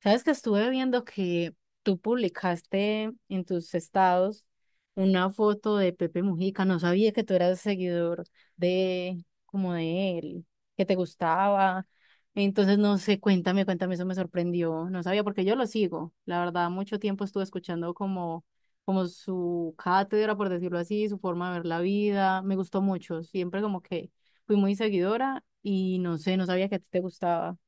Sabes que estuve viendo que tú publicaste en tus estados una foto de Pepe Mujica. No sabía que tú eras seguidor de como de él, que te gustaba. Entonces, no sé, cuéntame, eso me sorprendió. No sabía porque yo lo sigo. La verdad, mucho tiempo estuve escuchando como, como su cátedra, por decirlo así, su forma de ver la vida. Me gustó mucho. Siempre como que fui muy seguidora y no sé, no sabía que a ti te gustaba.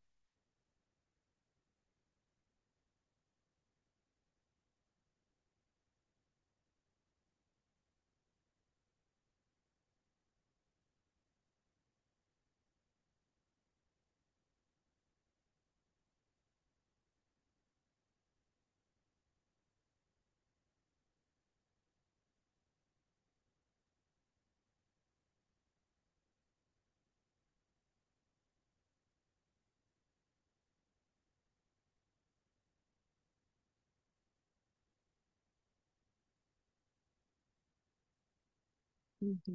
Ujú.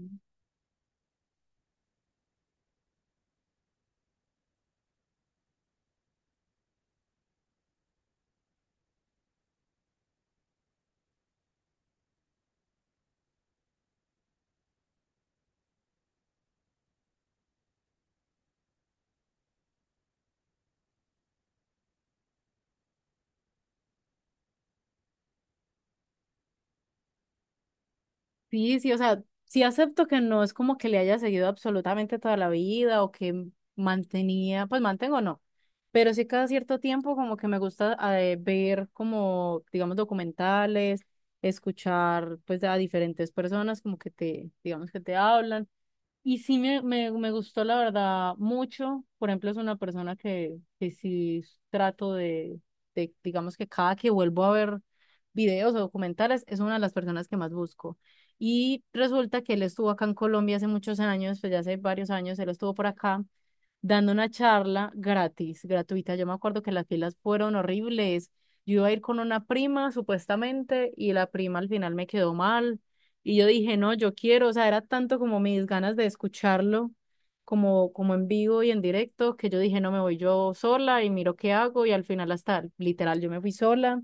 Sí, sí, o sea, sí acepto que no es como que le haya seguido absolutamente toda la vida o que mantenía, pues mantengo no, pero sí cada cierto tiempo como que me gusta ver como, digamos, documentales, escuchar pues a diferentes personas como que te, digamos que te hablan. Y sí me gustó la verdad mucho. Por ejemplo, es una persona que sí trato de, digamos que cada que vuelvo a ver videos o documentales, es una de las personas que más busco. Y resulta que él estuvo acá en Colombia hace muchos años, pues ya hace varios años, él estuvo por acá dando una charla gratis, gratuita. Yo me acuerdo que las filas fueron horribles. Yo iba a ir con una prima, supuestamente, y la prima al final me quedó mal. Y yo dije, no, yo quiero, o sea, era tanto como mis ganas de escucharlo, como en vivo y en directo, que yo dije, no, me voy yo sola y miro qué hago. Y al final hasta, literal, yo me fui sola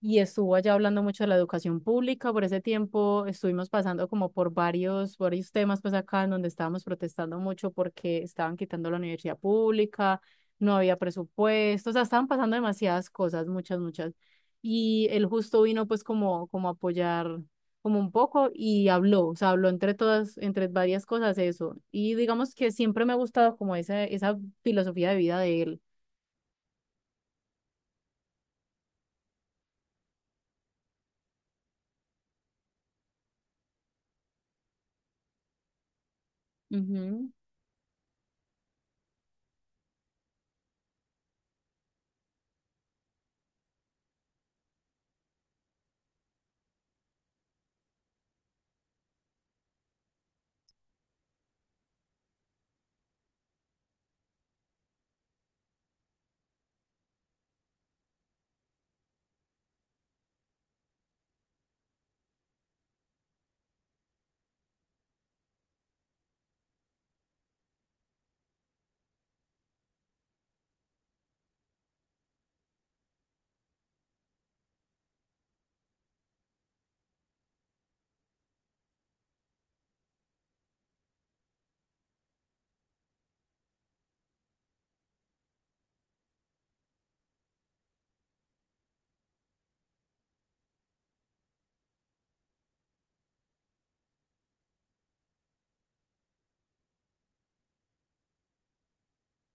y estuvo allá hablando mucho de la educación pública. Por ese tiempo estuvimos pasando como por varios temas, pues acá en donde estábamos protestando mucho porque estaban quitando la universidad pública, no había presupuesto, o sea, estaban pasando demasiadas cosas, muchas, muchas. Y él justo vino pues como, como a apoyar como un poco y habló, o sea, habló entre todas, entre varias cosas eso. Y digamos que siempre me ha gustado como esa filosofía de vida de él. Ujú.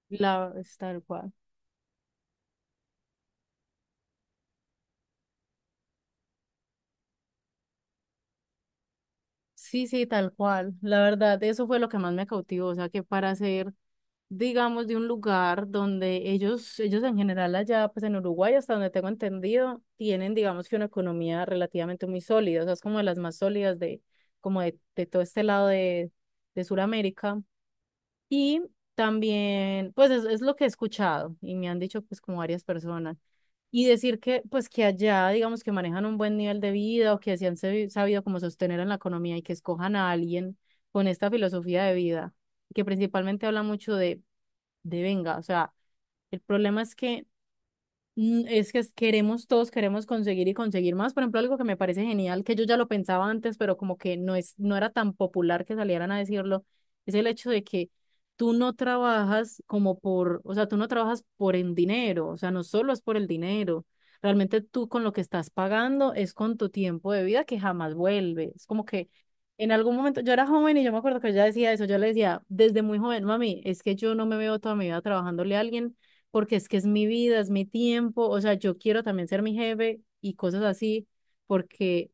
La, es tal cual. Sí, sí, tal cual. La verdad, eso fue lo que más me cautivó. O sea, que para ser, digamos, de un lugar donde ellos en general allá, pues en Uruguay, hasta donde tengo entendido, tienen, digamos, que una economía relativamente muy sólida. O sea, es como de las más sólidas de, como de todo este lado de Sudamérica. Y también, pues es lo que he escuchado y me han dicho, pues, como varias personas. Y decir que, pues que allá, digamos que manejan un buen nivel de vida o que se han sabido como sostener en la economía y que escojan a alguien con esta filosofía de vida, que principalmente habla mucho de venga, o sea, el problema es que queremos todos, queremos conseguir y conseguir más. Por ejemplo, algo que me parece genial, que yo ya lo pensaba antes, pero como que no es, no era tan popular que salieran a decirlo, es el hecho de que tú no trabajas como por, o sea, tú no trabajas por el dinero, o sea, no solo es por el dinero. Realmente tú con lo que estás pagando es con tu tiempo de vida que jamás vuelve. Es como que en algún momento, yo era joven y yo me acuerdo que ella decía eso, yo le decía desde muy joven, mami, es que yo no me veo toda mi vida trabajándole a alguien porque es que es mi vida, es mi tiempo, o sea, yo quiero también ser mi jefe y cosas así, porque,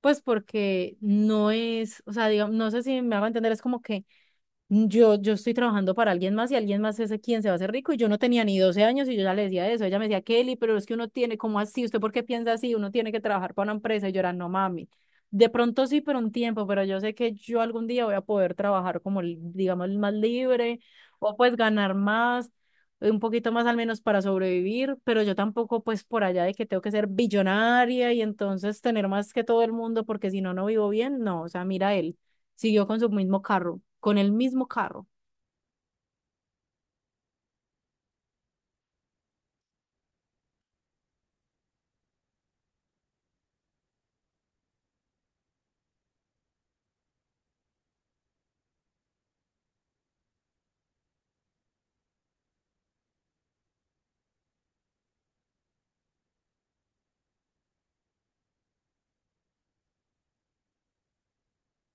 pues porque no es, o sea, digamos, no sé si me hago entender, es como que yo estoy trabajando para alguien más y alguien más es quien se va a hacer rico y yo no tenía ni 12 años y yo ya le decía eso. Ella me decía, Kelly, pero es que uno tiene, ¿cómo así? ¿Usted por qué piensa así? Uno tiene que trabajar para una empresa y yo era, no mami. De pronto sí, pero un tiempo, pero yo sé que yo algún día voy a poder trabajar como, digamos, más libre o pues ganar más, un poquito más al menos para sobrevivir, pero yo tampoco pues por allá de que tengo que ser billonaria y entonces tener más que todo el mundo porque si no, no vivo bien. No, o sea, mira él. Siguió con su mismo carro, con el mismo carro.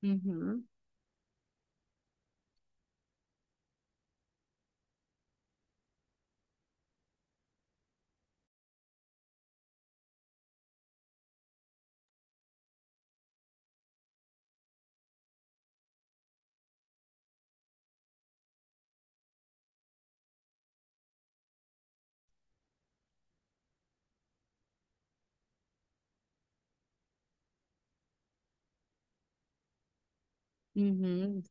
Ujú, ujú.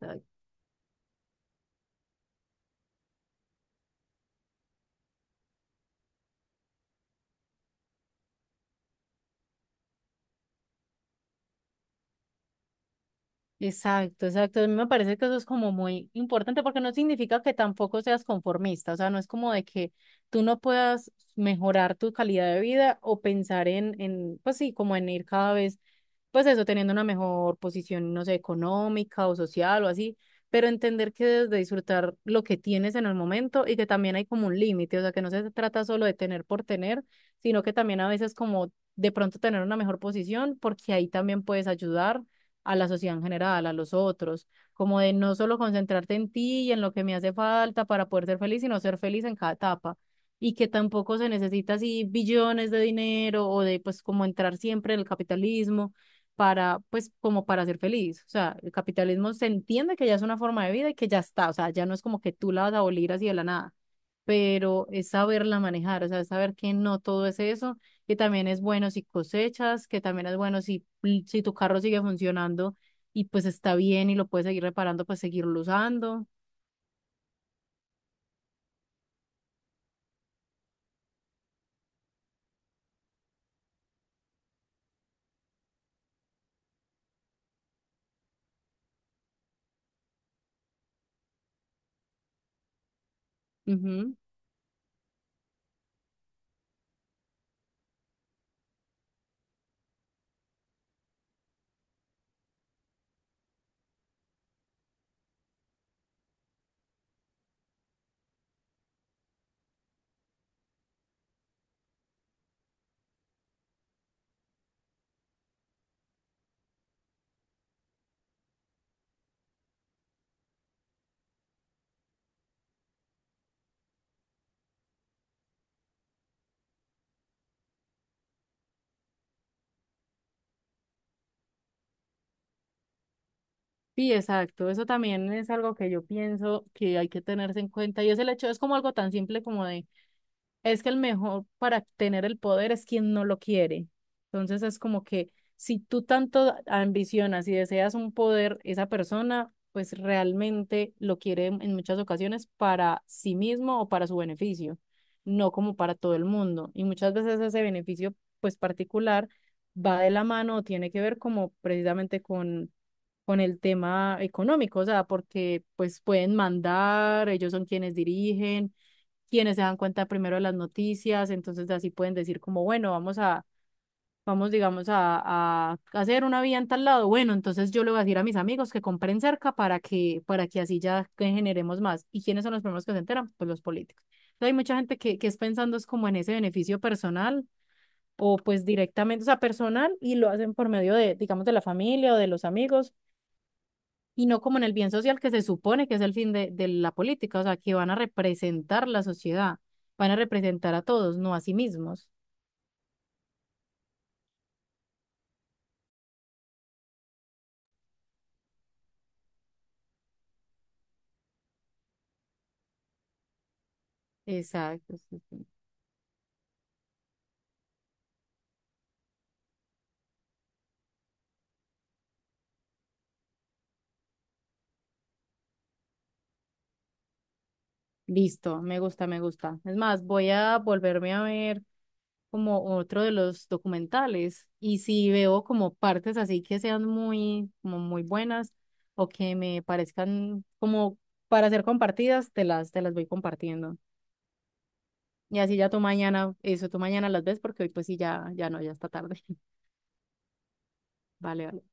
Exacto, exacto. A mí me parece que eso es como muy importante porque no significa que tampoco seas conformista, o sea, no es como de que tú no puedas mejorar tu calidad de vida o pensar en, pues sí, como en ir cada vez, pues eso, teniendo una mejor posición, no sé, económica o social o así, pero entender que debes de disfrutar lo que tienes en el momento y que también hay como un límite, o sea, que no se trata solo de tener por tener, sino que también a veces como de pronto tener una mejor posición porque ahí también puedes ayudar a la sociedad en general, a los otros, como de no solo concentrarte en ti y en lo que me hace falta para poder ser feliz, sino ser feliz en cada etapa y que tampoco se necesita así billones de dinero o de pues como entrar siempre en el capitalismo para pues como para ser feliz. O sea, el capitalismo se entiende que ya es una forma de vida y que ya está, o sea, ya no es como que tú la vas a abolir así de la nada, pero es saberla manejar, o sea, es saber que no todo es eso que también es bueno si cosechas, que también es bueno si, si tu carro sigue funcionando y pues está bien y lo puedes seguir reparando, pues seguirlo usando. Ujú. Sí, exacto. Eso también es algo que yo pienso que hay que tenerse en cuenta y es el hecho, es como algo tan simple como de. Es que el mejor para tener el poder es quien no lo quiere. Entonces es como que si tú tanto ambicionas y deseas un poder, esa persona pues realmente lo quiere en muchas ocasiones para sí mismo o para su beneficio, no como para todo el mundo. Y muchas veces ese beneficio pues particular va de la mano o tiene que ver como precisamente con el tema económico, o sea, porque pues pueden mandar, ellos son quienes dirigen quienes se dan cuenta primero de las noticias, entonces así pueden decir como, bueno, vamos a, vamos, digamos, a hacer una vía en tal lado. Bueno, entonces yo le voy a decir a mis amigos que compren cerca para que así ya generemos más. ¿Y quiénes son los primeros que se enteran? Pues los políticos. Entonces, hay mucha gente que es pensando es como en ese beneficio personal o pues directamente, o sea, personal y lo hacen por medio de, digamos, de la familia o de los amigos y no como en el bien social que se supone que es el fin de la política, o sea, que van a representar la sociedad, van a representar a todos, no a sí mismos. Exacto. Sí, sí. Listo, me gusta, me gusta. Es más, voy a volverme a ver como otro de los documentales y si veo como partes así que sean muy, como muy buenas o que me parezcan como para ser compartidas, te las voy compartiendo. Y así ya tú mañana, eso tú mañana las ves porque hoy pues sí, ya, ya no, ya está tarde. Vale, vale.